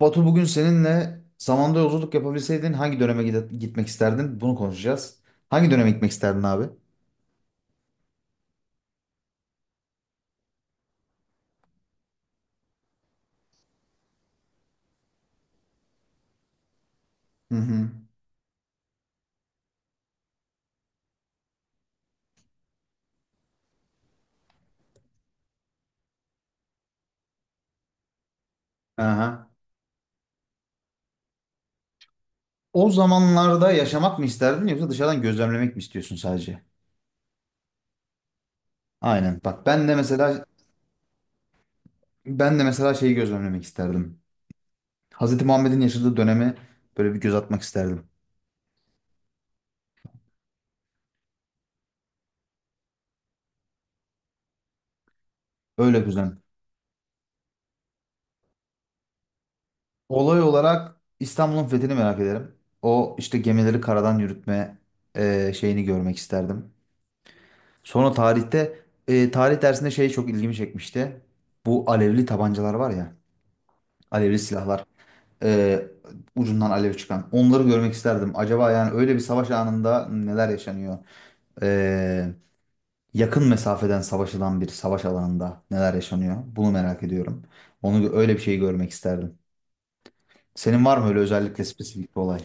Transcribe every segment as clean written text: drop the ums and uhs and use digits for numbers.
Batu, bugün seninle zamanda yolculuk yapabilseydin hangi döneme gitmek isterdin? Bunu konuşacağız. Hangi döneme gitmek isterdin abi? Hı hı. Aha. O zamanlarda yaşamak mı isterdin, yoksa dışarıdan gözlemlemek mi istiyorsun sadece? Aynen. Bak, ben de mesela şeyi gözlemlemek isterdim. Hazreti Muhammed'in yaşadığı dönemi böyle bir göz atmak isterdim. Öyle güzel. Olay olarak İstanbul'un fethini merak ederim. O işte gemileri karadan yürütme şeyini görmek isterdim. Sonra tarihte, tarih dersinde şey çok ilgimi çekmişti. Bu alevli tabancalar var ya, alevli silahlar, e, ucundan alev çıkan. Onları görmek isterdim. Acaba yani öyle bir savaş anında neler yaşanıyor? E, Yakın mesafeden savaşılan bir savaş alanında neler yaşanıyor? Bunu merak ediyorum. Onu öyle bir şey görmek isterdim. Senin var mı öyle özellikle spesifik bir olay?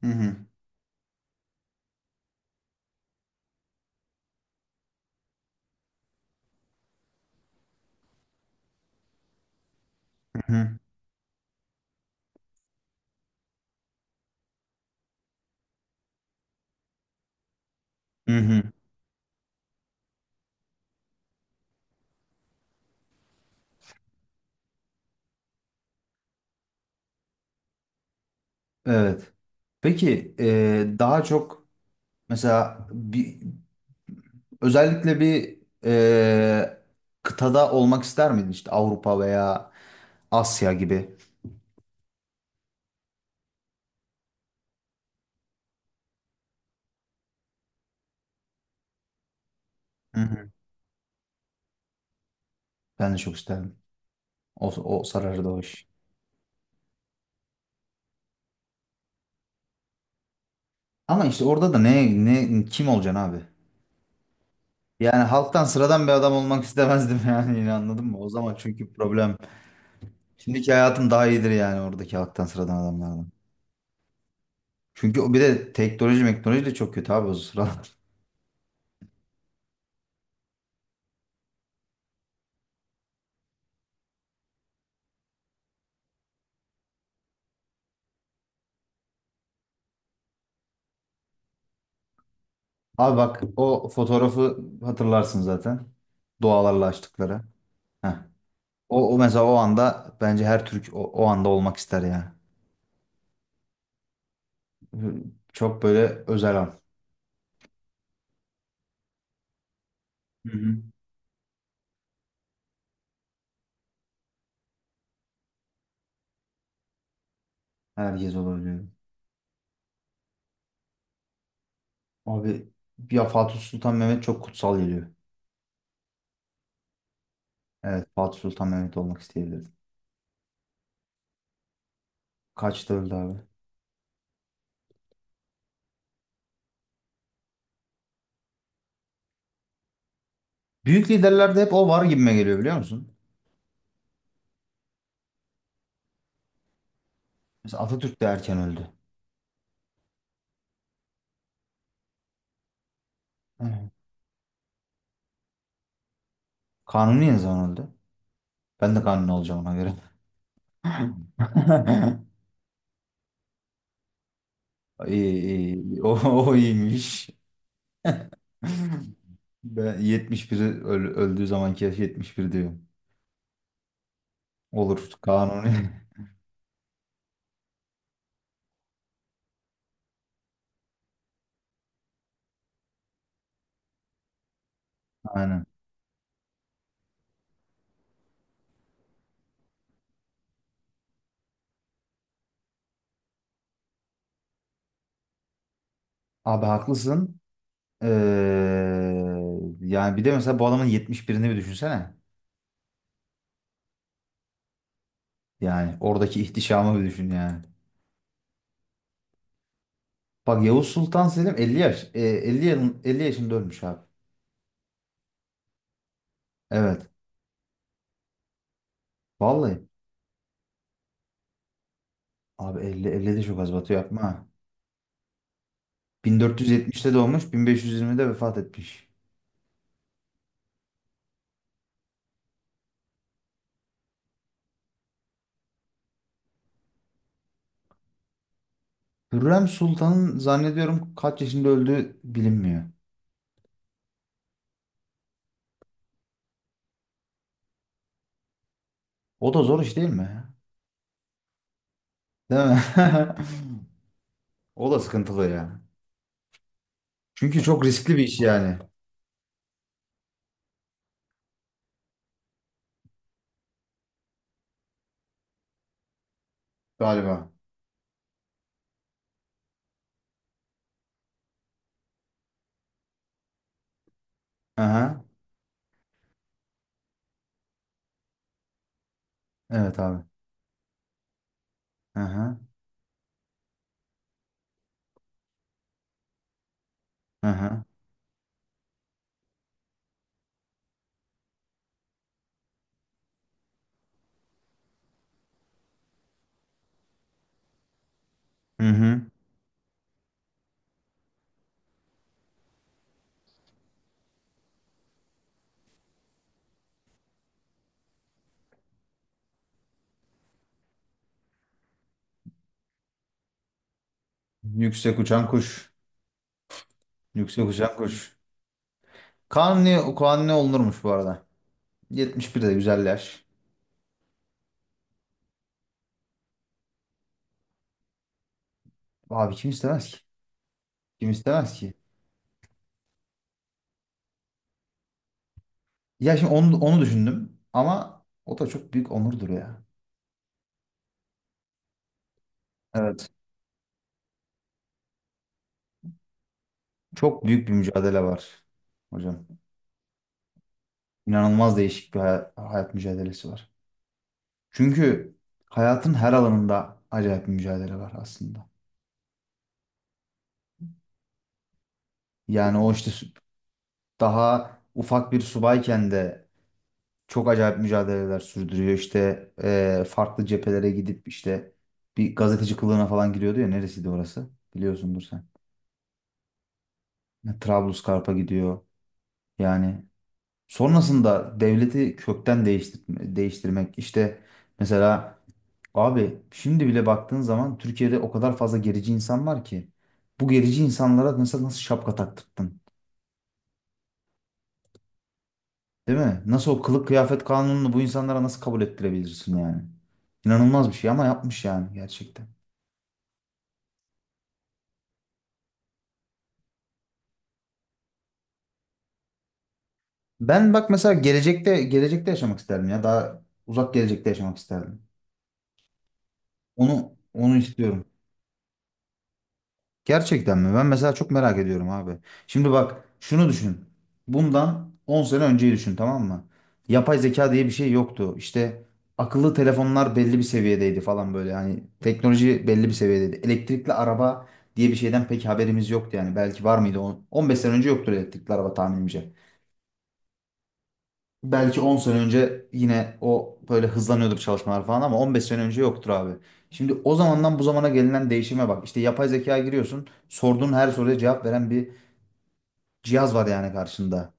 Hı hı, hı hı, hı hı. Evet. Peki, daha çok mesela bir, özellikle bir, e, kıtada olmak ister miydin, işte Avrupa veya Asya gibi? Hı hı. Ben de çok isterdim. O sarardı o iş. Ama işte orada da ne kim olacaksın abi? Yani halktan sıradan bir adam olmak istemezdim yani, yine anladın mı? O zaman çünkü problem. Şimdiki hayatım daha iyidir yani, oradaki halktan sıradan adamlardan. Çünkü o bir de teknoloji meknoloji de çok kötü abi o sıralar. Abi bak, o fotoğrafı hatırlarsın zaten. Dualarla açtıkları. Heh. O mesela o anda bence her Türk o anda olmak ister ya. Çok böyle özel an. Hı hı. Herkes olabiliyor. Abi ya, Fatih Sultan Mehmet çok kutsal geliyor. Evet, Fatih Sultan Mehmet olmak isteyebilirdim. Kaçta öldü abi? Büyük liderlerde hep o var gibime geliyor, biliyor musun? Mesela Atatürk de erken öldü. Evet. Kanuni ne zaman öldü? Ben de Kanuni olacağım ona göre. İyi, iyi. O iyiymiş. Ben 71, öldüğü zamanki yaş 71 diyor. Olur, Kanuni. Aynen. Abi haklısın. Ee, Yani bir de mesela bu adamın 71'ini bir düşünsene. Yani oradaki ihtişamı bir düşün yani. Bak, Yavuz Sultan Selim 50 yaş. 50, 50 yaşında ölmüş abi. Evet. Vallahi. Abi 50, 50 de çok az batıyor, yapma. Ha. 1470'te doğmuş, 1520'de vefat etmiş. Hürrem Sultan'ın zannediyorum kaç yaşında öldüğü bilinmiyor. O da zor iş, değil mi? Değil mi? O da sıkıntılı ya. Çünkü çok riskli bir iş yani, galiba. Aha. Evet abi. Aha. Aha. Hı hı. Yüksek uçan kuş. Yüksek uçan kuş. Kanuni, Kanuni olunurmuş bu arada. 71 de güzel yaş. Abi, kim istemez ki? Kim istemez ki? Ya şimdi onu düşündüm ama o da çok büyük onurdur ya. Evet. Çok büyük bir mücadele var hocam. İnanılmaz değişik bir hayat mücadelesi var. Çünkü hayatın her alanında acayip bir mücadele var aslında. Yani o işte daha ufak bir subayken de çok acayip mücadeleler sürdürüyor. İşte farklı cephelere gidip işte bir gazeteci kılığına falan giriyordu ya, neresiydi orası? Biliyorsundur sen. Ne, Trablusgarp'a gidiyor. Yani sonrasında devleti kökten değiştirmek işte, mesela, abi, şimdi bile baktığın zaman Türkiye'de o kadar fazla gerici insan var ki. Bu gerici insanlara mesela nasıl şapka taktırttın? Değil mi? Nasıl o kılık kıyafet kanununu bu insanlara nasıl kabul ettirebilirsin yani? İnanılmaz bir şey ama yapmış yani, gerçekten. Ben bak mesela gelecekte yaşamak isterdim ya. Daha uzak gelecekte yaşamak isterdim. Onu istiyorum. Gerçekten mi? Ben mesela çok merak ediyorum abi. Şimdi bak, şunu düşün. Bundan 10 sene önceyi düşün, tamam mı? Yapay zeka diye bir şey yoktu. İşte akıllı telefonlar belli bir seviyedeydi falan böyle. Hani teknoloji belli bir seviyedeydi. Elektrikli araba diye bir şeyden pek haberimiz yoktu yani. Belki var mıydı? 15 sene önce yoktur elektrikli araba tahminimce. Belki 10 sene önce yine o böyle hızlanıyordur çalışmalar falan, ama 15 sene önce yoktur abi. Şimdi o zamandan bu zamana gelinen değişime bak. İşte yapay zekaya giriyorsun. Sorduğun her soruya cevap veren bir cihaz var yani karşında.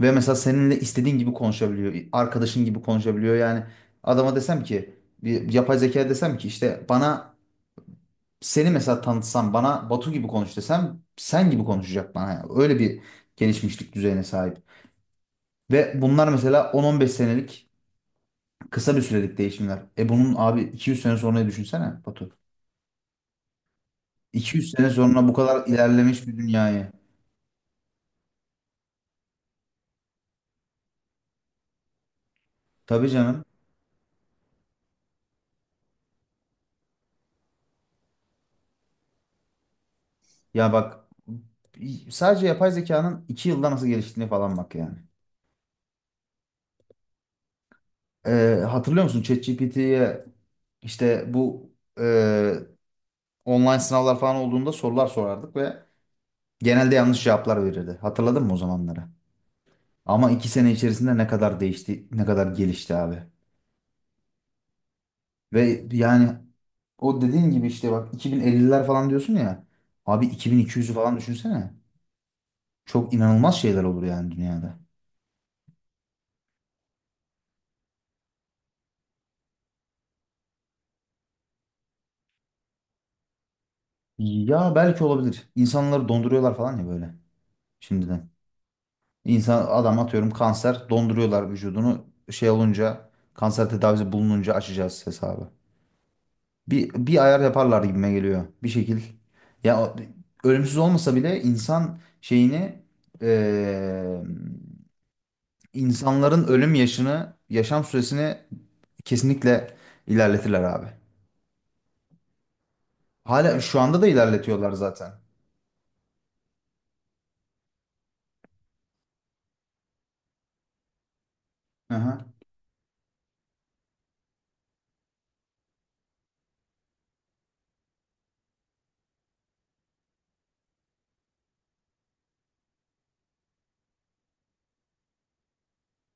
Ve mesela seninle istediğin gibi konuşabiliyor. Arkadaşın gibi konuşabiliyor. Yani adama desem ki, bir yapay zekaya desem ki işte, bana seni mesela tanıtsam, bana Batu gibi konuş desem, sen gibi konuşacak bana. Yani öyle bir gelişmişlik düzeyine sahip. Ve bunlar mesela on on beş senelik, kısa bir sürelik değişimler. Bunun abi 200 sene sonrayı düşünsene Batu. 200 sene sonra bu kadar ilerlemiş bir dünyayı. Tabii canım. Ya bak, sadece yapay zekanın 2 yılda nasıl geliştiğini falan bak yani. E, Hatırlıyor musun, ChatGPT'ye işte bu, e, online sınavlar falan olduğunda sorular sorardık ve genelde yanlış cevaplar verirdi. Hatırladın mı o zamanları? Ama 2 sene içerisinde ne kadar değişti, ne kadar gelişti abi. Ve yani o dediğin gibi, işte bak, 2050'ler falan diyorsun ya. Abi, 2200'ü falan düşünsene. Çok inanılmaz şeyler olur yani dünyada. Ya belki olabilir. İnsanları donduruyorlar falan ya böyle, şimdiden. İnsan, adam atıyorum kanser, donduruyorlar vücudunu. Şey olunca, kanser tedavisi bulununca açacağız hesabı. Bir ayar yaparlar gibime geliyor. Bir şekil. Ya ölümsüz olmasa bile insan şeyini, eee, insanların ölüm yaşını, yaşam süresini kesinlikle ilerletirler abi. Hala şu anda da ilerletiyorlar zaten. Hı hı.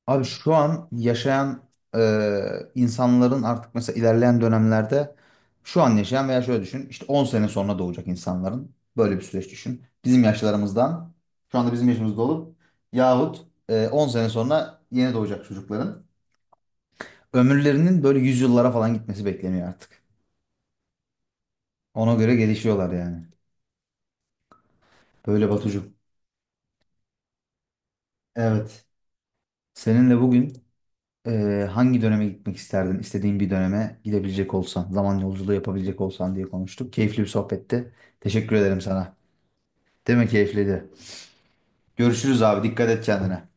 Abi şu an yaşayan e, insanların artık mesela ilerleyen dönemlerde, şu an yaşayan veya şöyle düşün, işte 10 sene sonra doğacak insanların, böyle bir süreç düşün. Bizim yaşlarımızdan, şu anda bizim yaşımızda olup yahut 10 sene sonra yeni doğacak çocukların ömürlerinin böyle yüzyıllara falan gitmesi bekleniyor artık. Ona göre gelişiyorlar yani. Böyle Batucuğum. Evet. Seninle bugün hangi döneme gitmek isterdin, İstediğin bir döneme gidebilecek olsan, zaman yolculuğu yapabilecek olsan diye konuştuk. Keyifli bir sohbetti. Teşekkür ederim sana. Değil mi, keyifliydi? Görüşürüz abi. Dikkat et kendine.